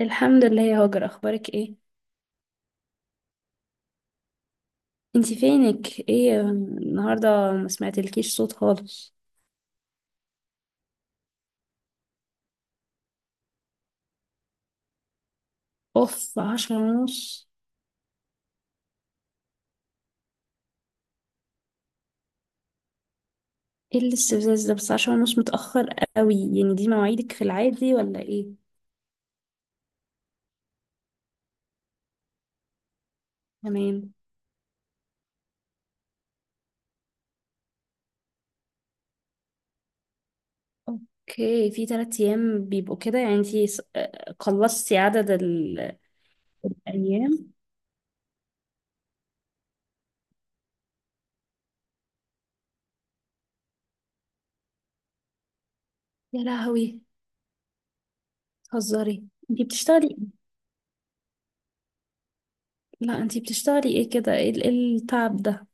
الحمد لله يا هاجر، اخبارك ايه؟ انتي فينك؟ ايه النهارده ما سمعتلكيش صوت خالص. اوف، عشرة ونص؟ ايه الاستفزاز ده؟ بس عشرة ونص متأخر قوي يعني. دي مواعيدك في العادي ولا ايه؟ تمام. اوكي، في تلات ايام بيبقوا كده يعني؟ انتي خلصتي عدد الايام؟ يا لهوي، هزاري؟ انتي بتشتغلي؟ لا انتي بتشتغلي ايه كده؟ ايه ال- إيه التعب ده؟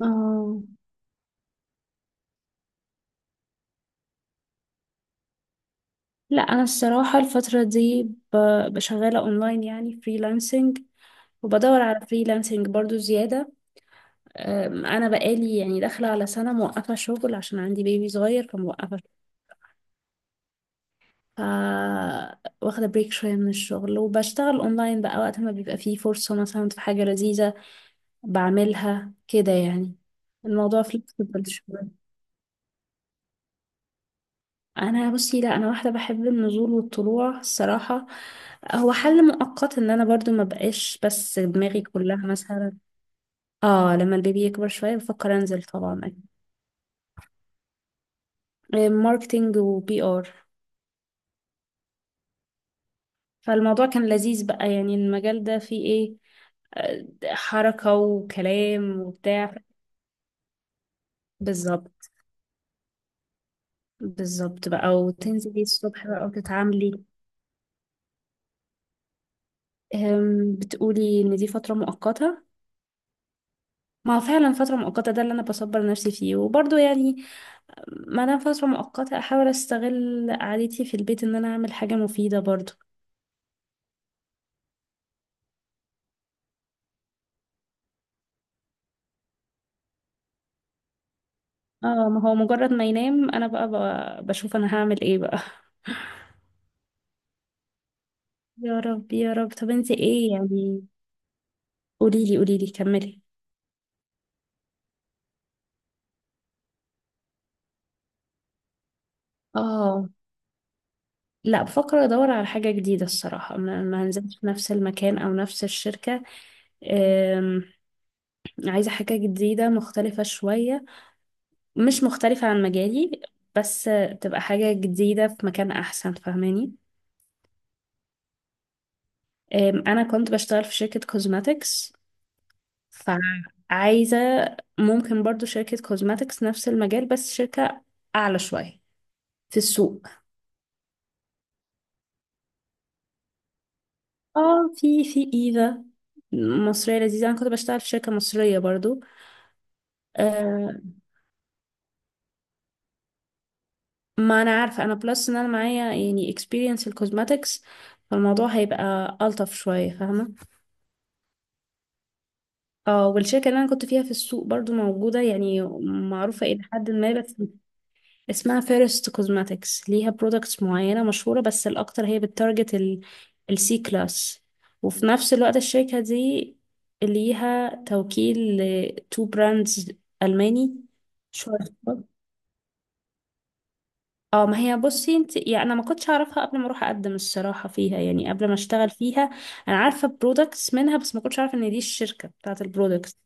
اه. لا انا الصراحه الفتره دي بشغاله اونلاين، يعني فريلانسنج، وبدور على فريلانسنج برضو زياده. انا بقالي يعني داخله على سنه موقفه شغل، عشان عندي بيبي صغير، فموقفه شغل. ف واخده بريك شويه من الشغل وبشتغل اونلاين بقى، وقت ما بيبقى فيه فرصه مثلا في حاجه لذيذه بعملها كده يعني. الموضوع فليكسبل شويه. انا بصي لا، انا واحده بحب النزول والطلوع الصراحه. هو حل مؤقت ان انا برضو ما بقاش، بس دماغي كلها مثلا. اه، لما البيبي يكبر شويه بفكر انزل طبعا. ماركتينج وبي ار. فالموضوع كان لذيذ بقى. يعني المجال ده فيه ايه؟ حركه وكلام وبتاع. بالظبط. بالظبط بقى، وتنزلي الصبح بقى وتتعاملي. بتقولي ان دي فتره مؤقته؟ ما هو فعلا فترة مؤقتة، ده اللي أنا بصبر نفسي فيه، وبرضه يعني ما انا فترة مؤقتة احاول استغل قعدتي في البيت ان انا اعمل حاجة مفيدة برضو. اه ما هو مجرد ما ينام انا بقى، بشوف انا هعمل ايه بقى. يا رب يا رب. طب انت ايه يعني؟ قوليلي، قوليلي، كملي. اه، لا بفكر ادور على حاجة جديدة الصراحة. ما هنزلش في نفس المكان او نفس الشركة. أم، عايزة حاجة جديدة مختلفة شوية، مش مختلفة عن مجالي، بس تبقى حاجة جديدة في مكان احسن، فاهماني؟ انا كنت بشتغل في شركة كوزماتكس. فعايزة، ممكن برضو شركة كوزماتكس، نفس المجال، بس شركة اعلى شوية في السوق. اه، في ايفا، مصرية لذيذة. انا كنت بشتغل في شركة مصرية برضو. أه، ما انا عارفة، انا بلس ان انا معايا يعني experience الكوزماتكس، فالموضوع هيبقى ألطف شوية، فاهمة؟ اه، والشركة اللي انا كنت فيها في السوق برضو موجودة يعني، معروفة الى حد ما، بس اسمها فيرست كوزماتكس. ليها برودكتس معينة مشهورة، بس الأكتر هي بتارجت السي كلاس. وفي نفس الوقت الشركة دي ليها توكيل لتو براندز ألماني شورت. اه ما هي بصي انت يعني، انا ما كنتش اعرفها قبل ما اروح اقدم الصراحه فيها، يعني قبل ما اشتغل فيها انا عارفه برودكتس منها، بس ما كنتش عارفه ان دي الشركه بتاعت البرودكتس.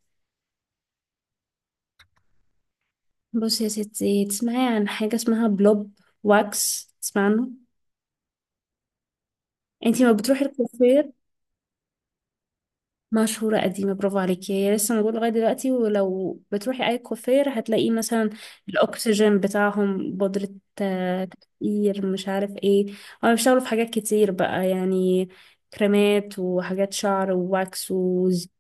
بصي يا ستي، تسمعي عن حاجه اسمها بلوب واكس؟ تسمعي عنه؟ انتي ما بتروحي الكوافير؟ مشهورة قديمة، برافو عليكي. هي لسه موجودة لغاية دلوقتي، ولو بتروحي أي كوافير هتلاقي مثلا الأكسجين بتاعهم بودرة، تكتير، مش عارف ايه. هما بيشتغلوا في حاجات كتير بقى يعني، كريمات وحاجات شعر وواكس وزيوت.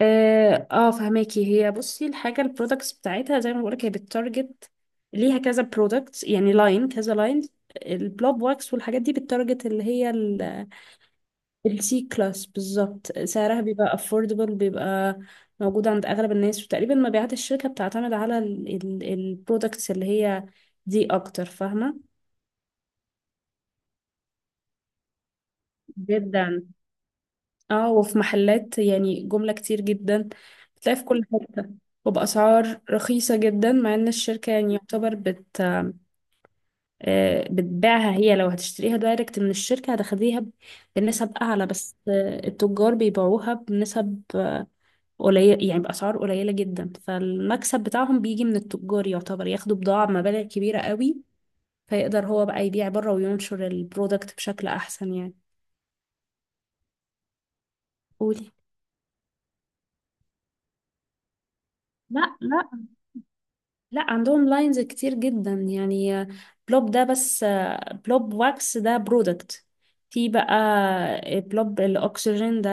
فهماكي؟ هي بصي الحاجة البرودكتس بتاعتها، زي ما بقولك، هي بتتارجت، ليها كذا برودكت يعني، لاين كذا لاين. البلوب واكس والحاجات دي بتتارجت اللي هي السي كلاس بالظبط. سعرها بيبقى affordable، بيبقى موجود عند أغلب الناس، وتقريبا مبيعات الشركة بتعتمد على البرودكتس اللي هي دي أكتر، فاهمة؟ جدا. اه، وفي محلات يعني جملة كتير جدا، بتلاقي في كل حتة، وبأسعار رخيصة جدا، مع إن الشركة يعني يعتبر بت، بتبيعها. هي لو هتشتريها دايركت من الشركة هتاخديها ب- بنسب أعلى، بس التجار بيبيعوها بنسب قليل يعني، بأسعار قليلة جدا، فالمكسب بتاعهم بيجي من التجار، يعتبر ياخدوا بضاعة بمبالغ كبيرة قوي، فيقدر هو بقى يبيع بره وينشر البرودكت بشكل أحسن يعني. قولي. لا، لا عندهم لاينز كتير جدا يعني. بلوب ده بس، بلوب واكس ده برودكت. في بقى بلوب الأكسجين ده،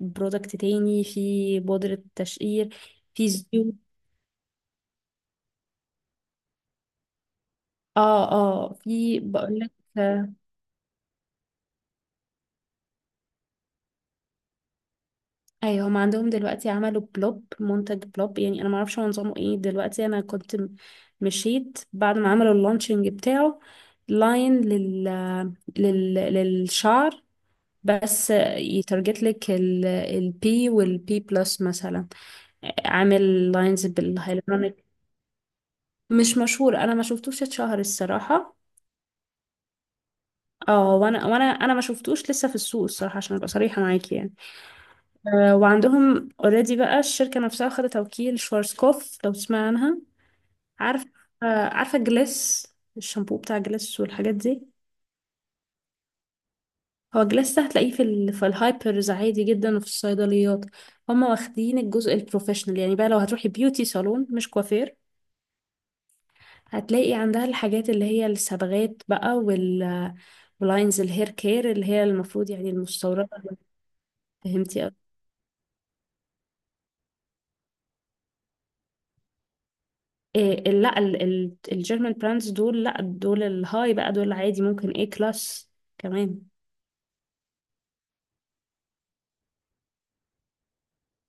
برودكت تاني، في بودرة تشقير، في زيوت. اه، في، بقولك. ايوه، هم عندهم دلوقتي عملوا بلوب، منتج بلوب، يعني انا ما اعرفش هو نظامه ايه دلوقتي. انا كنت مشيت بعد ما عملوا اللانشنج بتاعه، لاين لل... لل... للشعر بس. يترجت لك البي والبي بلس مثلا، عامل لاينز بالهيلورونيك. مش مشهور، انا ما شفتوش اتشهر الصراحه. اه، وانا ما شفتوش لسه في السوق الصراحه، عشان ابقى صريحه معاكي يعني. وعندهم اوريدي بقى الشركة نفسها خدت توكيل شوارزكوف، لو تسمع عنها. عارف؟ عارفة جليس؟ الشامبو بتاع جليس والحاجات دي. هو جليس ده هتلاقيه في, ال... في الهايبرز عادي جدا وفي الصيدليات. هما واخدين الجزء البروفيشنال يعني، بقى لو هتروحي بيوتي صالون، مش كوافير، هتلاقي عندها الحاجات اللي هي الصبغات بقى، واللاينز الهير كير اللي هي المفروض يعني المستوردة. فهمتي؟ إيه ال- لا ال- ال- الجيرمان براندز دول؟ لا دول الهاي بقى، دول عادي، ممكن ايه كلاس كمان.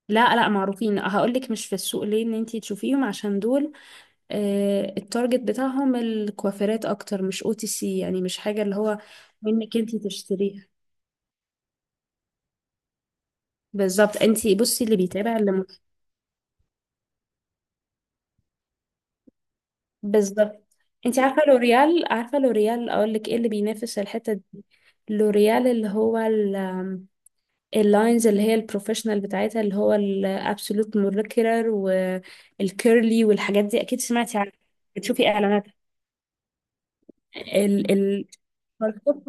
لا، معروفين. هقولك مش في السوق ليه ان انتي تشوفيهم، عشان دول آه، التارجت بتاعهم الكوافيرات اكتر، مش او تي سي يعني، مش حاجة اللي هو منك انتي تشتريها. بالظبط. انتي بصي، اللي بيتابع اللي م... بالظبط. انتي عارفة لوريال؟ عارفة لوريال؟ اقولك ايه اللي بينافس الحتة دي. لوريال اللي هو اللاينز اللي هي البروفيشنال بتاعتها، اللي هو الابسولوت مولكيولر والكيرلي والحاجات دي، اكيد سمعتي عنها، بتشوفي اعلاناتها. ال ال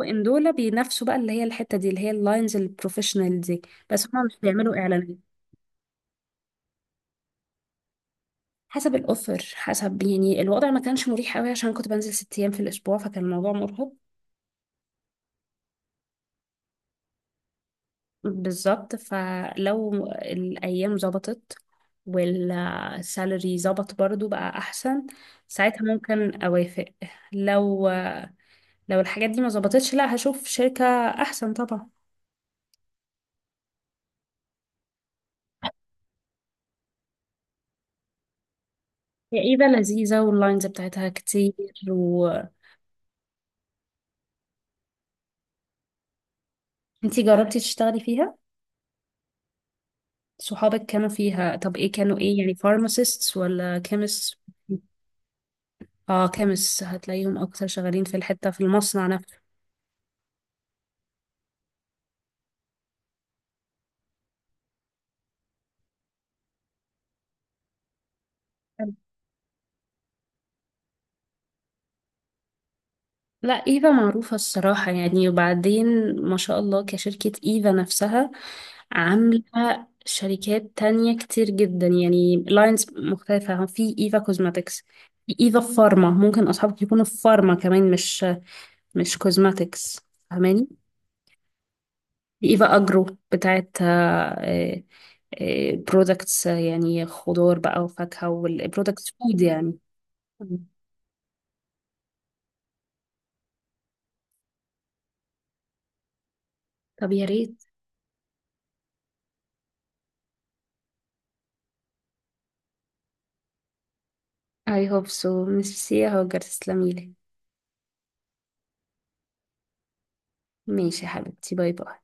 ان دول بينافسوا بقى اللي هي الحتة دي، اللي هي اللاينز البروفيشنال دي. بس هما مش بيعملوا اعلانات. حسب الاوفر، حسب يعني، الوضع ما كانش مريح قوي، عشان كنت بنزل 6 ايام في الاسبوع، فكان الموضوع مرهق. بالظبط، فلو الايام ظبطت والسالري ظبط برضو بقى احسن، ساعتها ممكن اوافق. لو، لو الحاجات دي ما ظبطتش، لا هشوف شركة احسن طبعا. هي ايفا لذيذة واللاينز بتاعتها كتير. وانتي جربتي تشتغلي فيها؟ صحابك كانوا فيها؟ طب ايه كانوا؟ ايه يعني؟ فارماسيستس ولا كيمست؟ اه، كيمست هتلاقيهم اكتر شغالين في الحتة في المصنع نفسه. لا، ايفا معروفة الصراحة يعني، وبعدين ما شاء الله كشركة، ايفا نفسها عاملة شركات تانية كتير جدا يعني، لاينز مختلفة. في ايفا كوزماتكس، في ايفا فارما، ممكن اصحابك يكونوا في فارما كمان، مش كوزماتكس، فاهماني؟ في ايفا اجرو، بتاعت برودكتس يعني، خضار بقى وفاكهة، والبرودكتس فود يعني. مم. طب يا ريت. I hope so. ميرسي يا هاجر، تسلميلي. ماشي يا حبيبتي، باي باي.